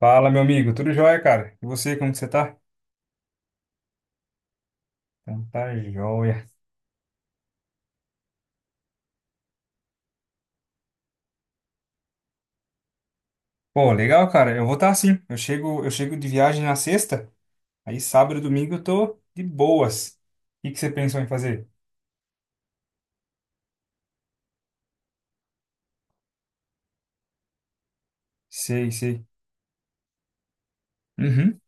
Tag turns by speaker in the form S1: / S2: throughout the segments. S1: Fala, meu amigo, tudo jóia, cara? E você, como que você tá? Então tá jóia. Pô, legal, cara. Eu vou estar assim. Eu chego de viagem na sexta, aí sábado e domingo eu tô de boas. O que que você pensou em fazer? Sei, sei. Uhum.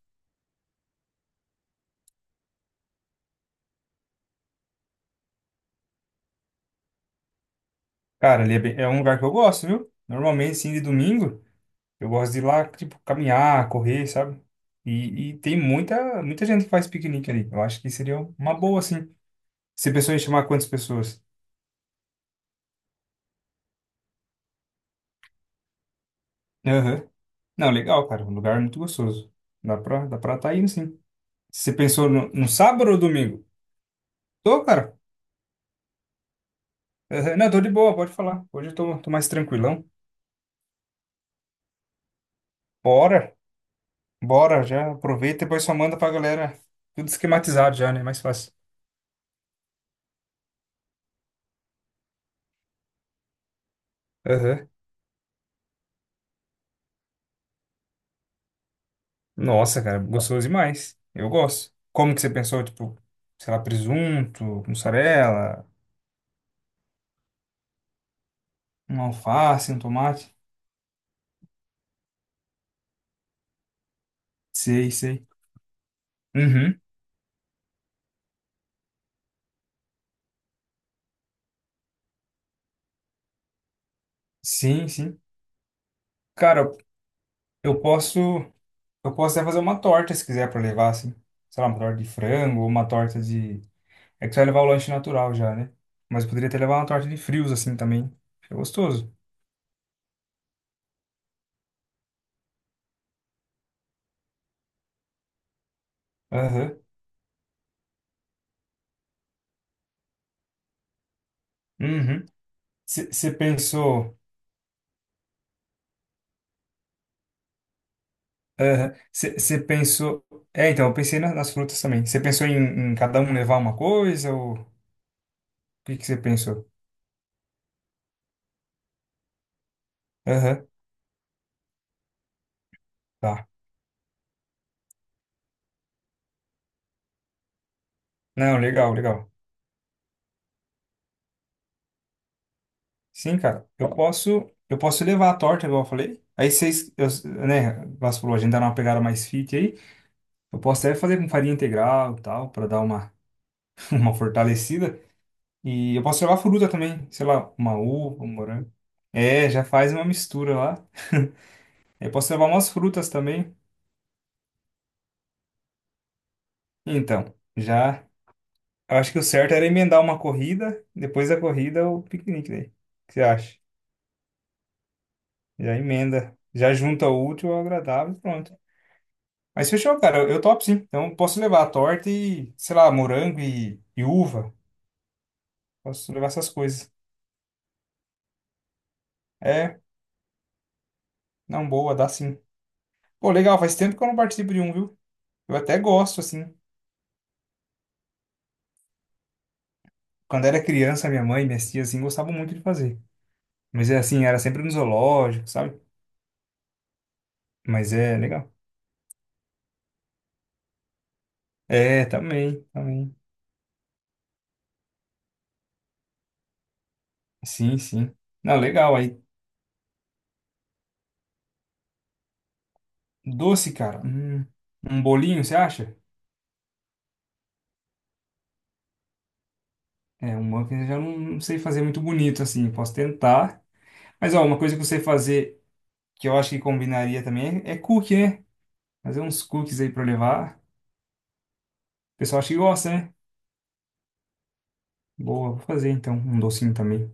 S1: Cara, ali é um lugar que eu gosto, viu? Normalmente, sim, de domingo, eu gosto de ir lá, tipo, caminhar, correr, sabe? E tem muita, muita gente que faz piquenique ali. Eu acho que seria uma boa, assim. Você pensou em chamar quantas pessoas? Não, legal, cara. Um lugar muito gostoso. Dá pra tá indo, sim. Você pensou no, no sábado ou domingo? Tô, cara. Não, tô de boa, pode falar. Hoje eu tô mais tranquilão. Bora, bora, já aproveita e depois só manda pra galera. Tudo esquematizado já, né? Mais fácil. Aham. Nossa, cara, gostoso demais. Eu gosto. Como que você pensou? Tipo, sei lá, presunto, mussarela, um alface, um tomate? Sei, sei. Uhum. Sim, sim. Cara, eu posso. Eu posso até fazer uma torta se quiser pra levar, assim. Sei lá, uma torta de frango ou uma torta de. É que você vai levar o lanche natural já, né? Mas poderia até levar uma torta de frios, assim também. Fica gostoso. Aham. Uhum. Você pensou. Aham. Você pensou. É, então, eu pensei nas frutas também. Você pensou em, em cada um levar uma coisa ou o que que você pensou? Aham, tá. Não, legal, legal. Sim, cara. Eu posso levar a torta, igual eu falei. Aí vocês, eu- né, você falou, a gente dá uma pegada mais fit aí. Eu posso até fazer com farinha integral e tal, para dar uma, uma fortalecida. E eu posso levar fruta também, sei lá, uma uva, um morango. É, já faz uma mistura lá. Aí eu posso levar umas frutas também. Então, já. Eu acho que o certo era emendar uma corrida, depois da corrida o piquenique daí. O que você acha? Já emenda. Já junta o útil ao agradável e pronto. Mas fechou, cara. Eu topo sim. Então eu posso levar a torta e, sei lá, morango e uva. Posso levar essas coisas. É, não, boa, dá sim. Pô, legal, faz tempo que eu não participo de um, viu? Eu até gosto, assim. Quando era criança, minha mãe, minhas tias, assim, gostavam muito de fazer. Mas é assim, era sempre no zoológico, sabe? Mas é legal. É, também, também. Sim, sim. Não, legal. Aí, doce, cara. Um bolinho, você acha? É, um muffin eu já não sei fazer muito bonito, assim. Posso tentar. Mas, ó, uma coisa que eu sei fazer, que eu acho que combinaria também, é cookie, né? Fazer uns cookies aí pra levar. O pessoal acha que gosta, né? Boa, vou fazer então um docinho também.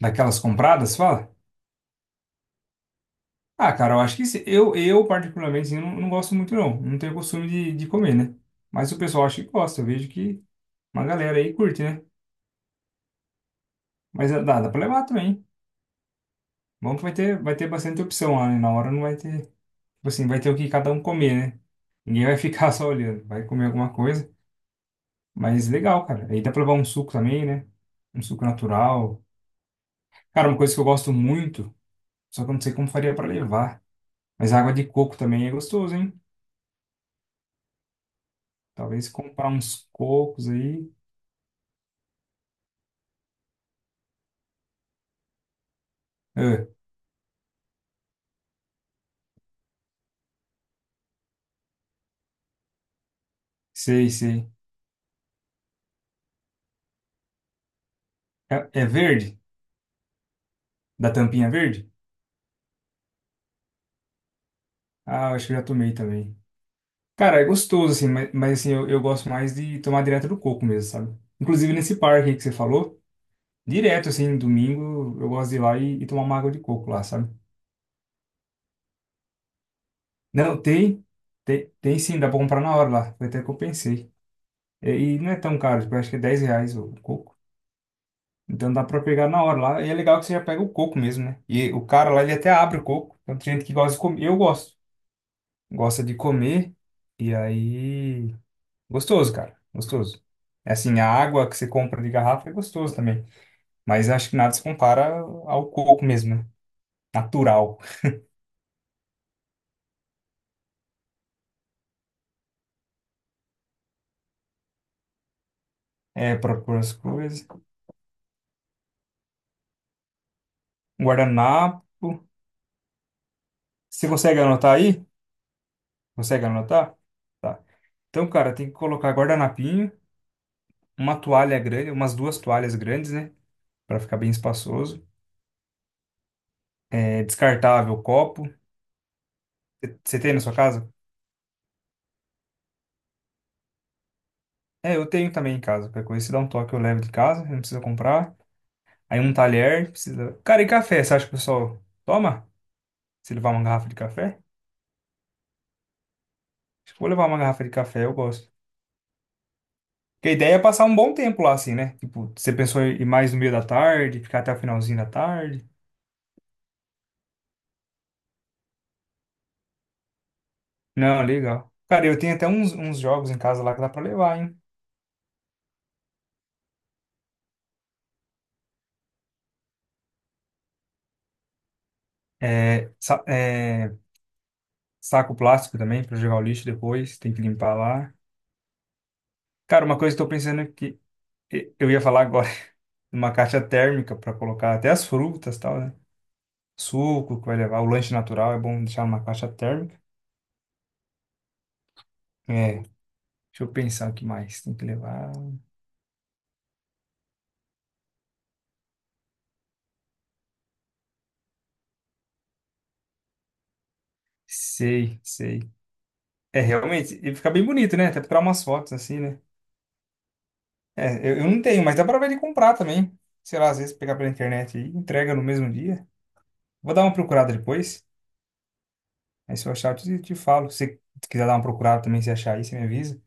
S1: Daquelas compradas, fala? Ah, cara, eu acho que sim. Eu particularmente, assim, não, não gosto muito, não. Não tenho costume de comer, né? Mas o pessoal acha que gosta. Eu vejo que uma galera aí curte, né? Mas dá, dá pra levar também, hein? Bom que vai ter bastante opção lá, né? Na hora não vai ter. Tipo assim, vai ter o que cada um comer, né? Ninguém vai ficar só olhando. Vai comer alguma coisa. Mas legal, cara. Aí dá pra levar um suco também, né? Um suco natural. Cara, uma coisa que eu gosto muito, só que eu não sei como faria pra levar. Mas água de coco também é gostoso, hein? Talvez comprar uns cocos aí. Ah, sei, sei. É, é verde? Da tampinha verde? Ah, acho que eu já tomei também. Cara, é gostoso, assim, mas assim, eu gosto mais de tomar direto do coco mesmo, sabe? Inclusive nesse parque aí que você falou, direto, assim, domingo, eu gosto de ir lá e tomar uma água de coco lá, sabe? Não, tem, sim, dá pra comprar na hora lá. Foi até que eu pensei. É, e, não é tão caro, tipo, acho que é R$ 10 o coco. Então dá pra pegar na hora lá. E é legal que você já pega o coco mesmo, né? E o cara lá, ele até abre o coco. Então tem gente que gosta de comer. Eu gosto. Gosta de comer. E aí. Gostoso, cara. Gostoso. É assim, a água que você compra de garrafa é gostoso também. Mas acho que nada se compara ao coco mesmo, né? Natural. É, para as coisas. Guardanapo. Você consegue anotar aí? Consegue anotar? Tá. Então, cara, tem que colocar guardanapinho, uma toalha grande, umas duas toalhas grandes, né? Pra ficar bem espaçoso. É descartável o copo. Você tem na sua casa? É, eu tenho também em casa. Qualquer coisa, se dá um toque, eu levo de casa, não precisa comprar. Aí um talher, precisa. Cara, e café? Você acha que o pessoal toma? Se levar uma garrafa de café? Acho que vou levar uma garrafa de café, eu gosto. Porque a ideia é passar um bom tempo lá, assim, né? Tipo, você pensou em ir mais no meio da tarde, ficar até o finalzinho da tarde? Não, legal. Cara, eu tenho até uns, uns jogos em casa lá que dá pra levar, hein? É, saco plástico também, pra jogar o lixo depois, tem que limpar lá. Cara, uma coisa que eu tô pensando é que eu ia falar agora de uma caixa térmica para colocar até as frutas e tal, né? Suco que vai levar, o lanche natural é bom deixar numa caixa térmica. É, deixa eu pensar o que mais tem que levar. Sei, sei. É, realmente, e fica bem bonito, né? Até pra tirar umas fotos assim, né? É, eu não tenho, mas dá pra ver de comprar também. Sei lá, às vezes pegar pela internet e entrega no mesmo dia. Vou dar uma procurada depois. Aí se eu achar, eu te falo. Se você quiser dar uma procurada também, se achar aí, você me avisa.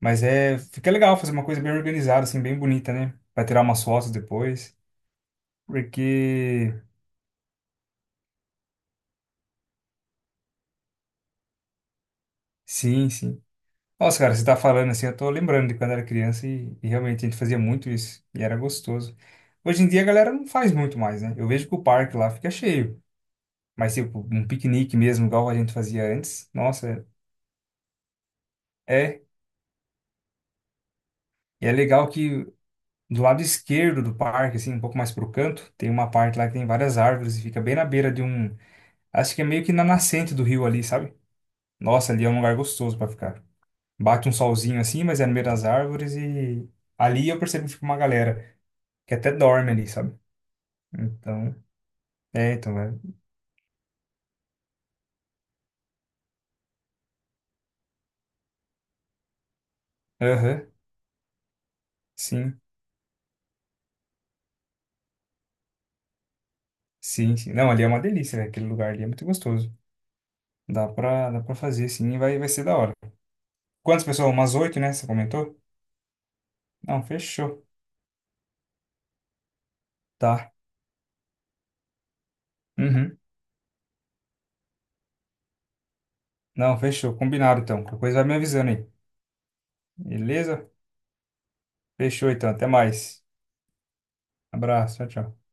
S1: Mas é, fica legal fazer uma coisa bem organizada, assim, bem bonita, né? Vai tirar umas fotos depois. Porque, sim, sim. Nossa, cara, você tá falando assim, eu tô lembrando de quando era criança e realmente a gente fazia muito isso. E era gostoso. Hoje em dia a galera não faz muito mais, né? Eu vejo que o parque lá fica cheio. Mas, tipo, um piquenique mesmo, igual a gente fazia antes. Nossa, é. E é legal que do lado esquerdo do parque, assim, um pouco mais pro canto, tem uma parte lá que tem várias árvores e fica bem na beira de um. Acho que é meio que na nascente do rio ali, sabe? Nossa, ali é um lugar gostoso pra ficar. Bate um solzinho assim, mas é no meio das árvores e ali eu percebo que fica uma galera que até dorme ali, sabe? Então, é, então, é. Aham, sim, sim, sim. Não, ali é uma delícia, velho. Aquele lugar ali é muito gostoso. Dá pra fazer, sim, e vai ser da hora. Quantas pessoas? Umas oito, né? Você comentou? Não, fechou. Tá. Uhum. Não, fechou. Combinado, então. Qualquer coisa vai me avisando aí. Beleza? Fechou, então. Até mais. Abraço, tchau, tchau.